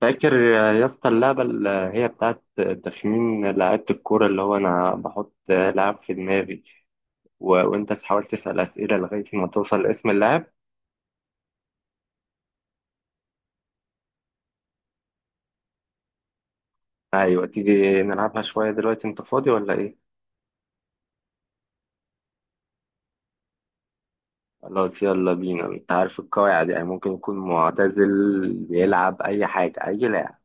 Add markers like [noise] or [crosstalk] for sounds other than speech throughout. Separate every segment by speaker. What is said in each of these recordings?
Speaker 1: فاكر يا اسطى اللعبة اللي هي بتاعت تخمين لعيبة الكورة، اللي هو أنا بحط لاعب في دماغي وأنت تحاول تسأل أسئلة لغاية ما توصل لاسم اللاعب. أيوة، تيجي نلعبها شوية دلوقتي؟ أنت فاضي ولا إيه؟ خلاص، يلا بينا. أنت عارف القواعد، يعني ممكن يكون معتزل، بيلعب أي حاجة، أي لاعب.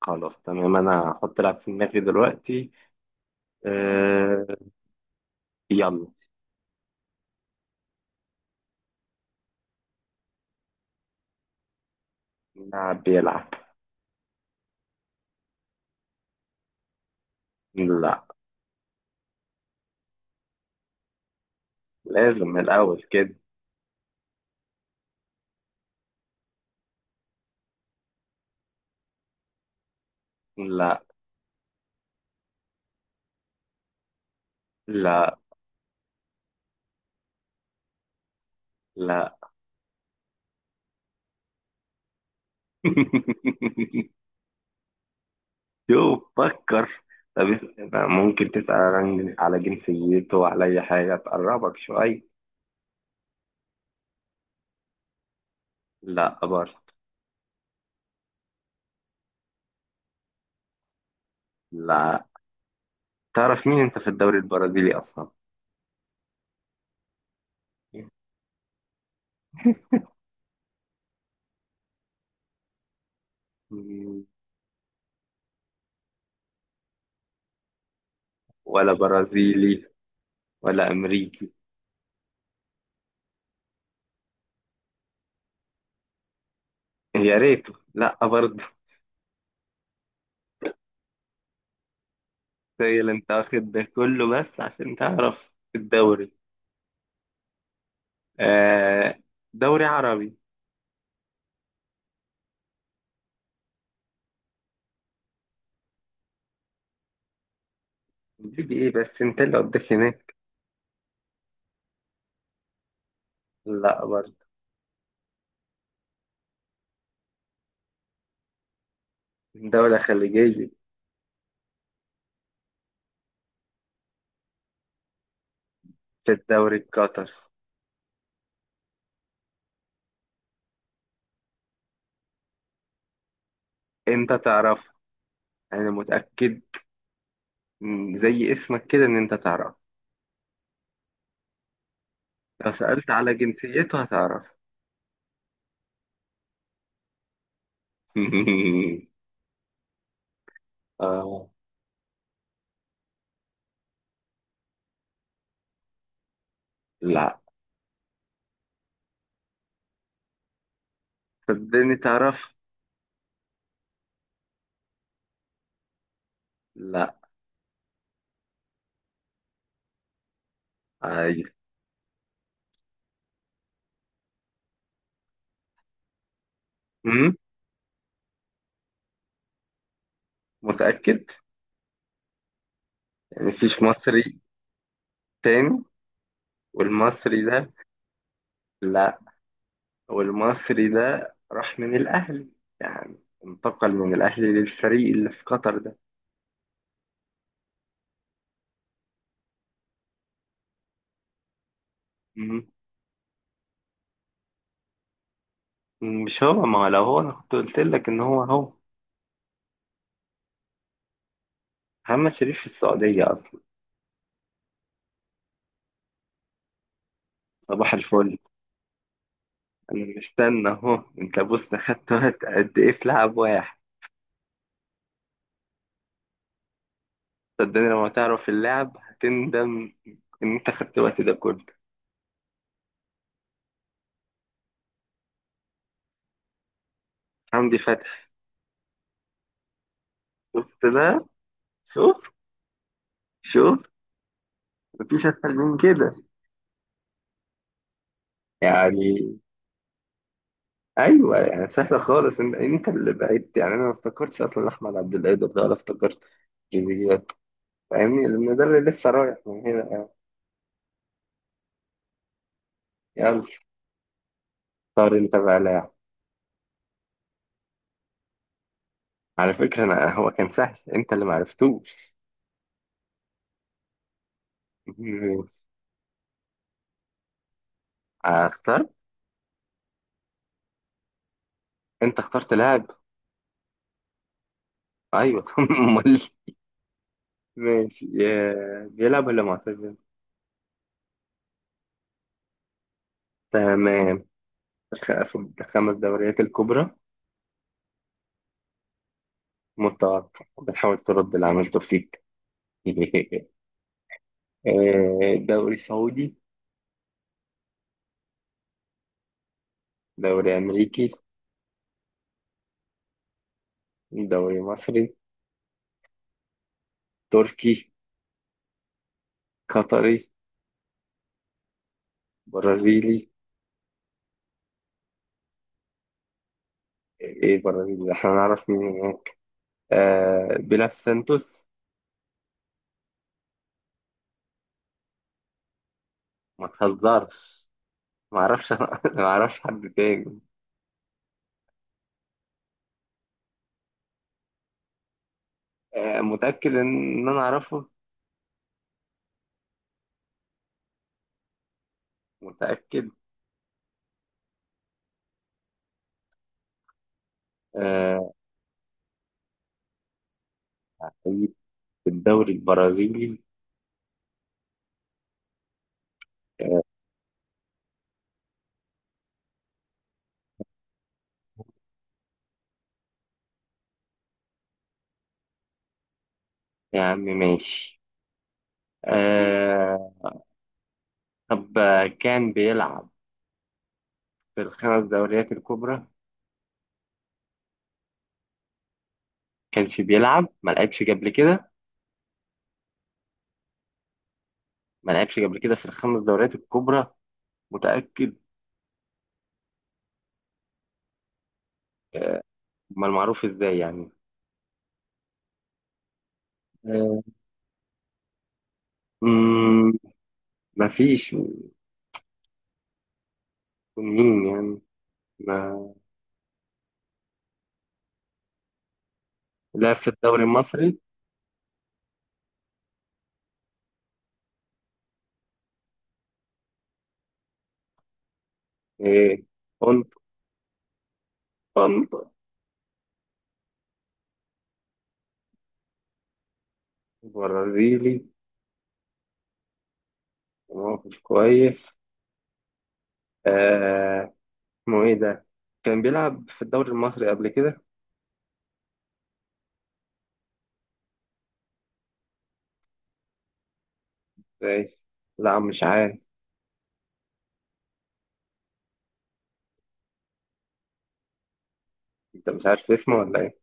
Speaker 1: خلاص تمام، أنا هحط لاعب في دماغي دلوقتي. أه... يلا. لاعب بيلعب. لا. لازم الأول كده. لا. لا. لا. [laughs] شوف، فكر. طب ممكن تسأل على جنسيته وعلى أي حاجة تقربك شوية. لا برضه. لا. تعرف مين أنت في الدوري البرازيلي أصلا؟ [laughs] مم. ولا برازيلي، ولا أمريكي. يا ريته. لا برضه. تخيل أنت واخد ده كله بس عشان تعرف الدوري. آه، دوري عربي. بيجي إيه بس؟ أنت اللي قدك هناك. لا برضه. دولة خليجية. في الدوري القطري. انت تعرفها، انا متأكد. زي اسمك كده، ان انت تعرفها. لو سألت على جنسيته هتعرف. [laughs] آه. لا، صدقني تعرف. لا. ايوه. م؟ متأكد، يعني مفيش مصري تاني؟ والمصري ده؟ لا. والمصري ده راح من الاهلي، يعني انتقل من الاهلي للفريق اللي في قطر ده. م؟ مش هو. ما هو لو هو، انا كنت قلت لك ان هو هو. محمد شريف في السعودية اصلا. صباح الفل. أنا مستنى أهو. أنت بص أخدت وقت قد إيه في لعب واحد! صدقني لما تعرف اللعب هتندم إن أنت أخدت الوقت ده كله. حمدي فتحي. شفت ده؟ شفت؟ شفت؟ مفيش أسهل من كده يعني. أيوه، يعني سهلة خالص. أنت اللي بعدت، يعني أنا ما افتكرتش أصلا أحمد عبد القادر ده، ولا افتكرت جزئيات. فاهمني، لأن ده اللي لسه رايح من هنا يعني. يلا، اختار أنت بقى لاعب. على فكرة أنا هو كان سهل، أنت اللي معرفتوش. [laughs] ماشي. آه، اختار. انت اخترت لاعب؟ ايوه. [laughs] طب امال. ماشي. آه، بيلعب ولا معتزل؟ تمام. في الخمس دوريات الكبرى؟ متوقع، بنحاول ترد اللي عملته فيك. [laughs] آه، دوري سعودي. دوري امريكي. دوري مصري. تركي. قطري. برازيلي؟ ايه برازيلي؟ احنا نعرف مين؟ آه، بيلعب في سانتوس. ما تهزرش. ما اعرفش. [laughs] انا ما اعرفش حد تاني. آه، متأكد ان انا اعرفه. متأكد. آه، في الدوري البرازيلي. آه، يا عم ماشي. آه، طب كان بيلعب في الخمس دوريات الكبرى؟ كانش بيلعب؟ ما لعبش قبل كده؟ ما لعبش قبل كده في الخمس دوريات الكبرى؟ متأكد؟ آه، امال معروف ازاي يعني؟ آه، مم، مفيش. مين يعني؟ ما لا، في الدوري المصري؟ إيه، كنت كنت برازيلي. موقف كويس. آه، اسمه ايه ده؟ كان بيلعب في الدوري المصري قبل كده؟ ازاي؟ لا، مش عارف. انت مش عارف اسمه ولا ايه؟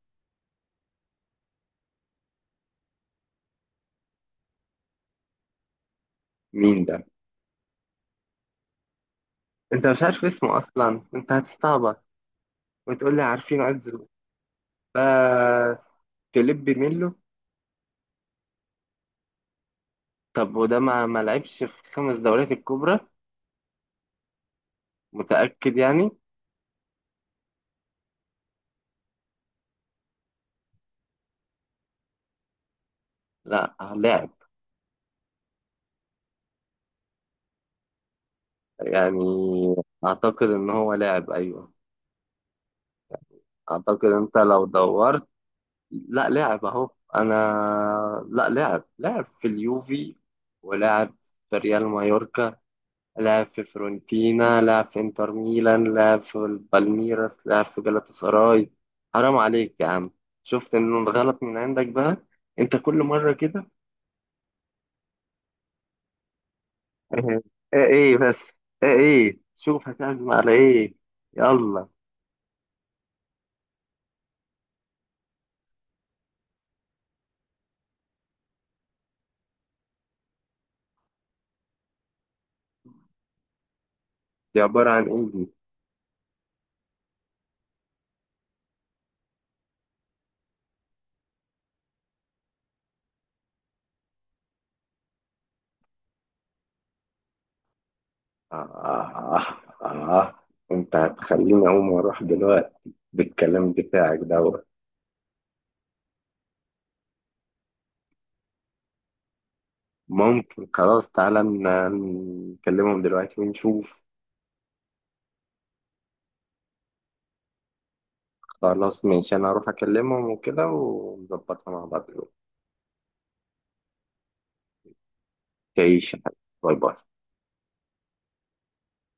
Speaker 1: مين ده؟ انت مش عارف اسمه اصلا، انت هتستعبط وتقول لي عارفين عز؟ بس. فيليب ميلو. طب وده ما لعبش في خمس دوريات الكبرى؟ متأكد يعني؟ لا، لعب يعني. اعتقد ان هو لاعب، ايوه. اعتقد انت لو دورت. لا، لاعب اهو. انا، لا، لاعب في اليوفي، ولاعب في ريال مايوركا. لعب في فرونتينا، لعب في انتر ميلان، لعب في البالميراس، لعب في جالاتا سراي. حرام عليك يا عم. شفت ان الغلط من عندك بقى؟ انت كل مرة كده. [laughs] ايه ايه بس. ايه ايه، شوف هتعزم على ايه؟ يلا. دي عبارة عن ايه دي؟ آه آه. آه آه. انت هتخليني اقوم واروح دلوقتي بالكلام بتاعك دوت! ممكن. خلاص، تعالى نكلمهم دلوقتي ونشوف. خلاص ماشي، انا هروح اكلمهم وكده ونظبطها مع بعض. تعيش يا حبيبي. باي باي.